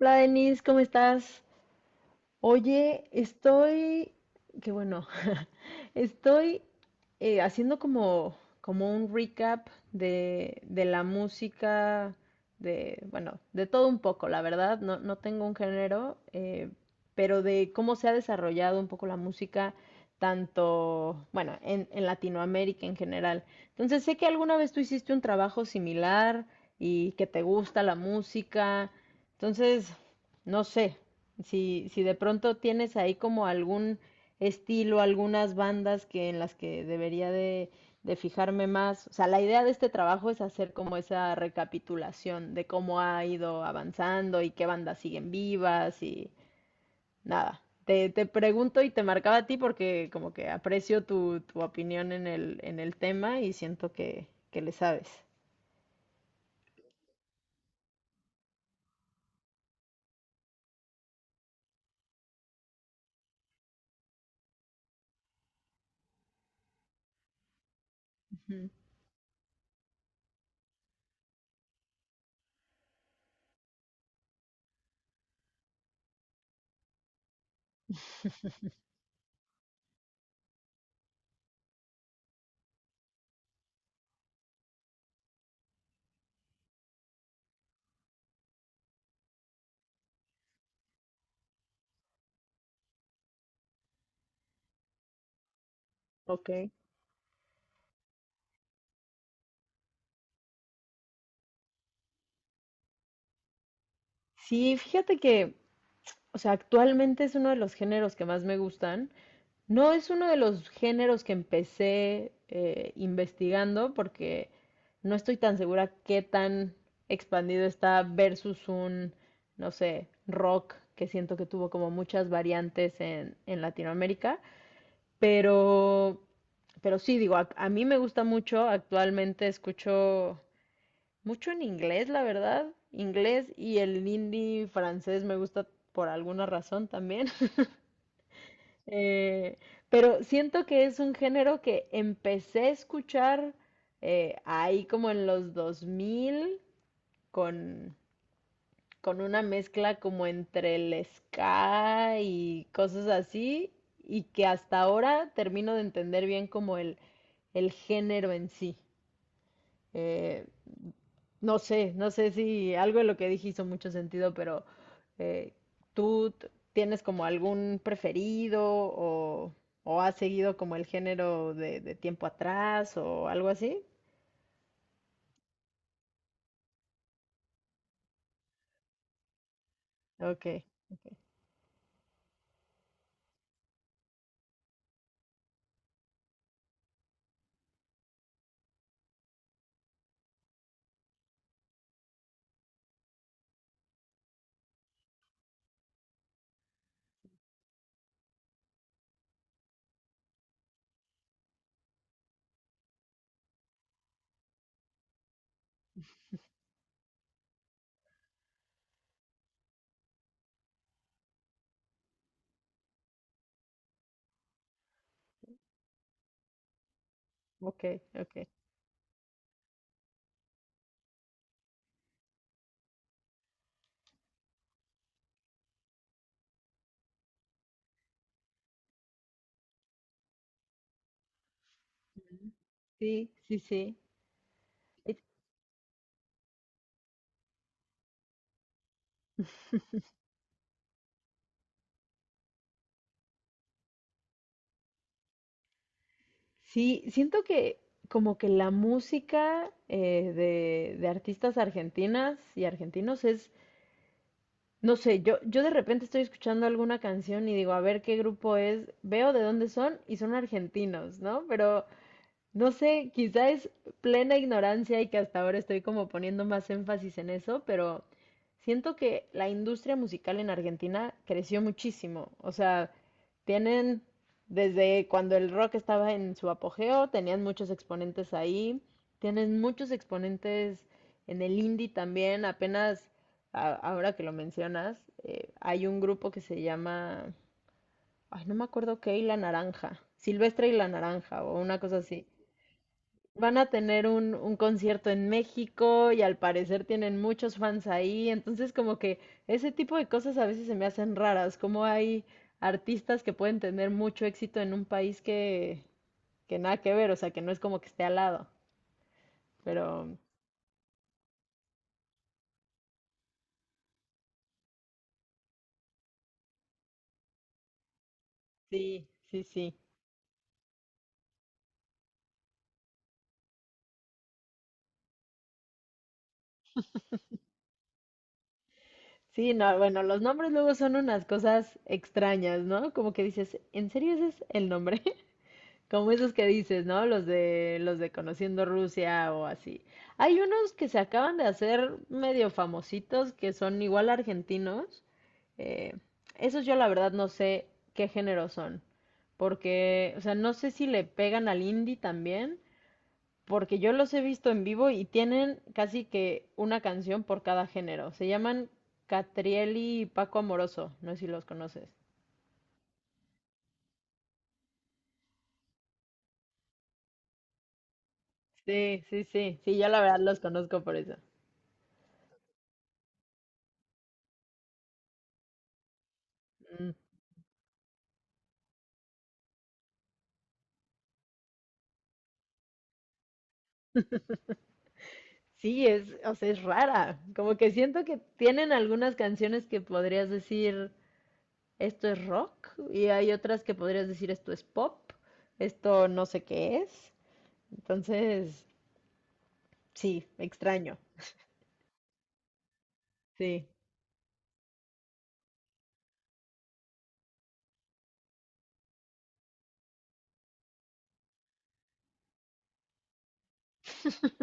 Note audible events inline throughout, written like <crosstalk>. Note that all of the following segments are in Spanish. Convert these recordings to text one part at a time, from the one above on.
Hola, Denis, ¿cómo estás? Oye, estoy, qué bueno, <laughs> estoy haciendo como, como un recap de la música, de, bueno, de todo un poco, la verdad, no, no tengo un género, pero de cómo se ha desarrollado un poco la música, tanto, bueno, en Latinoamérica en general. Entonces, sé que alguna vez tú hiciste un trabajo similar y que te gusta la música, entonces, no sé. Si, si de pronto tienes ahí como algún estilo, algunas bandas que en las que debería de fijarme más. O sea, la idea de este trabajo es hacer como esa recapitulación de cómo ha ido avanzando y qué bandas siguen vivas y nada. Te pregunto y te marcaba a ti porque como que aprecio tu, tu opinión en el tema y siento que le sabes. Ujú. Ok. Sí, fíjate que, o sea, actualmente es uno de los géneros que más me gustan. No es uno de los géneros que empecé investigando porque no estoy tan segura qué tan expandido está versus un, no sé, rock que siento que tuvo como muchas variantes en Latinoamérica. Pero, pero sí, digo, a mí me gusta mucho. Actualmente escucho mucho en inglés, la verdad. Inglés y el indie francés me gusta por alguna razón también. Eh, pero siento que es un género que empecé a escuchar ahí como en los 2000 con, con una mezcla como entre el ska y cosas así y que hasta ahora termino de entender bien como el género en sí. Eh, no sé, no sé si algo de lo que dije hizo mucho sentido, pero eh, ¿tú tienes como algún preferido o has seguido como el género de tiempo atrás o algo así? Ok, ok, ok. Ujú. Sí, sí, sí. Eh, sí, siento que como que la música de artistas argentinas y argentinos es... No sé, yo de repente estoy escuchando alguna canción y digo, a ver qué grupo es, veo de dónde son y son argentinos, ¿no? Pero no sé, quizá es plena ignorancia y que hasta ahora estoy como poniendo más énfasis en eso, pero siento que la industria musical en Argentina creció muchísimo. O sea, tienen desde cuando el rock estaba en su apogeo, tenían muchos exponentes ahí, tienen muchos exponentes en el indie también, apenas ahora que lo mencionas, hay un grupo que se llama, ay, no me acuerdo qué, y la Naranja, Silvestre y la Naranja o una cosa así. Van a tener un concierto en México y al parecer tienen muchos fans ahí, entonces como que ese tipo de cosas a veces se me hacen raras, como hay artistas que pueden tener mucho éxito en un país que nada que ver, o sea, que no es como que esté al lado, pero sí, sí, sí. Sí, no, bueno, los nombres luego son unas cosas extrañas, ¿no? Como que dices, ¿en serio ese es el nombre? Como esos que dices, ¿no? Los de Conociendo Rusia o así. Hay unos que se acaban de hacer medio famositos que son igual argentinos. Eh, esos yo la verdad no sé qué género son, porque, o sea, no sé si le pegan al indie también, porque yo los he visto en vivo y tienen casi que una canción por cada género. Se llaman Catrieli y Paco Amoroso, no sé si los conoces. Sí, sí, sí, sí, yo la verdad los conozco por eso. Mm. Sí, es, o sea, es rara. Como que siento que tienen algunas canciones que podrías decir esto es rock y hay otras que podrías decir esto es pop, esto no sé qué es. Entonces, sí, extraño. Sí, sí,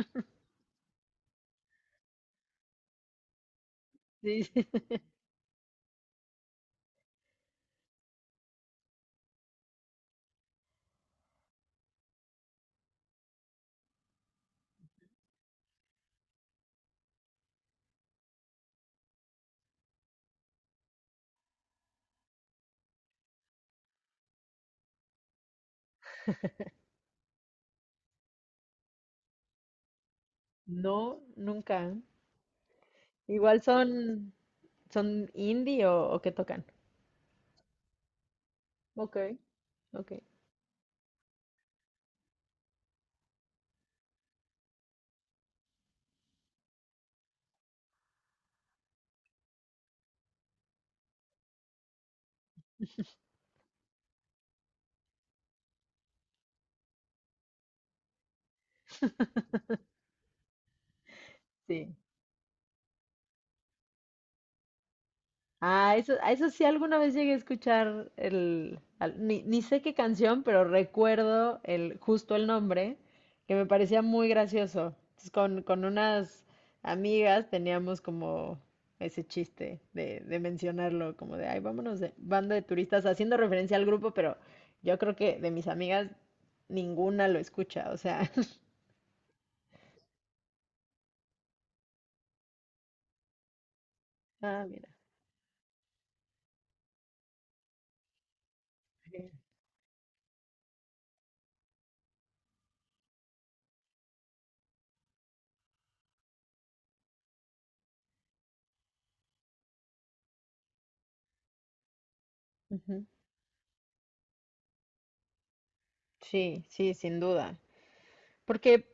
<laughs> sí. No, nunca. Igual son, son indie o qué tocan. Ok, ok. Sí. Ah, eso, a eso sí alguna vez llegué a escuchar el, al- ni, ni sé qué canción, pero recuerdo el, justo el nombre, que me parecía muy gracioso. Entonces, con unas amigas teníamos como ese chiste de mencionarlo, como de, ay, vámonos de banda de turistas, haciendo referencia al grupo, pero yo creo que de mis amigas ninguna lo escucha, o sea, <laughs> ah, mira. Ujú. Sí, sí, sin duda. Porque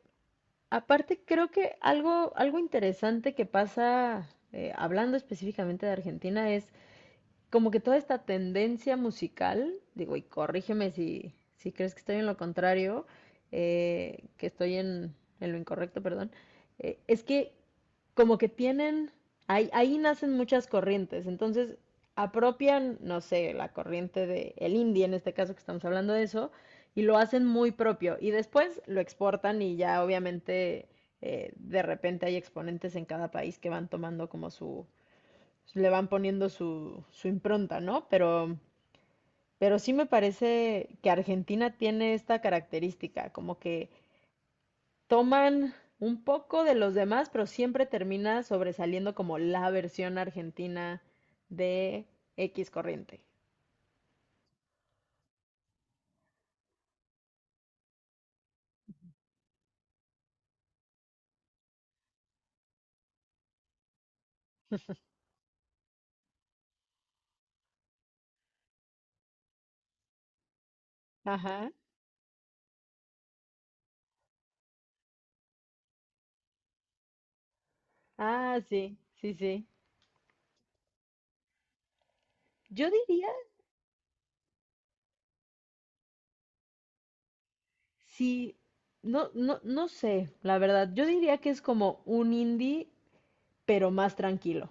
aparte, creo que algo, algo interesante que pasa, hablando específicamente de Argentina, es como que toda esta tendencia musical, digo, y corrígeme si, si crees que estoy en lo contrario, que estoy en lo incorrecto, perdón, es que como que tienen, ahí, ahí nacen muchas corrientes, entonces apropian, no sé, la corriente de el indie en este caso que estamos hablando de eso, y lo hacen muy propio, y después lo exportan y ya obviamente de repente hay exponentes en cada país que van tomando como su, le van poniendo su, su impronta, ¿no? Pero sí me parece que Argentina tiene esta característica, como que toman un poco de los demás, pero siempre termina sobresaliendo como la versión argentina de X corriente. Ajá. Ah, sí, sí, sí. Yo diría, sí, no, no, no sé, la verdad, yo diría que es como un indie, pero más tranquilo.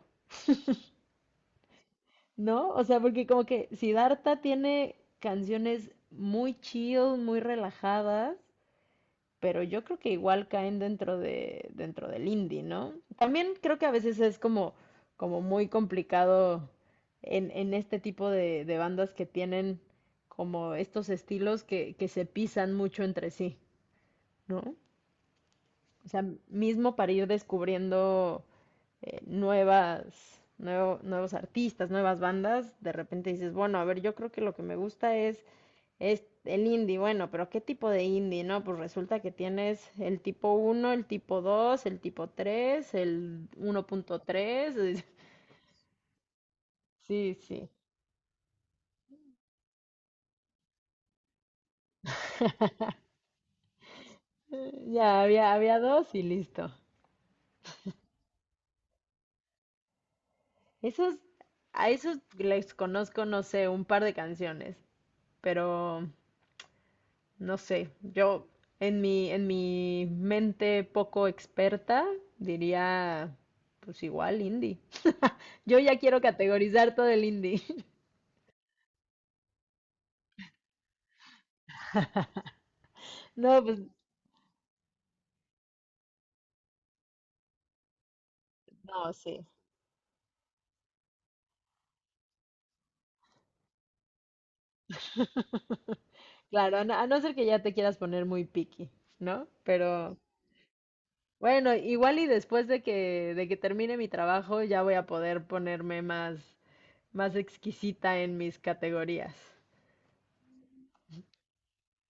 ¿No? O sea, porque como que Siddhartha tiene canciones muy chill, muy relajadas, pero yo creo que igual caen dentro de, dentro del indie, ¿no? También creo que a veces es como, como muy complicado en este tipo de bandas que tienen como estos estilos que se pisan mucho entre sí, ¿no? O sea, mismo para ir descubriendo nuevas, nuevos artistas, nuevas bandas, de repente dices, bueno, a ver, yo creo que lo que me gusta es el indie, bueno, pero ¿qué tipo de indie, no? Pues resulta que tienes el tipo uno el tipo 2 el tipo 3 el 1.3. <laughs> Sí, sí, ya había, había dos y listo. Esos, a esos les conozco, no sé, un par de canciones, pero... No sé, yo en mi mente poco experta diría, pues igual indie. Yo ya quiero categorizar todo el indie. <laughs> No, pues no, sí. <laughs> Claro, a no ser que ya te quieras poner muy picky, ¿no? Pero bueno, igual y después de que termine mi trabajo ya voy a poder ponerme más, más exquisita en mis categorías.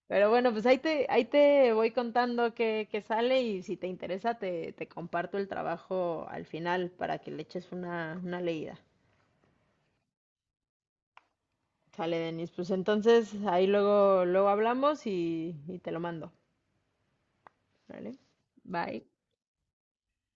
Pero bueno, pues ahí te voy contando qué, qué sale y si te interesa te, te comparto el trabajo al final para que le eches una leída. Sale, Denis. Pues entonces ahí luego, luego hablamos y te lo mando. ¿Vale? Bye.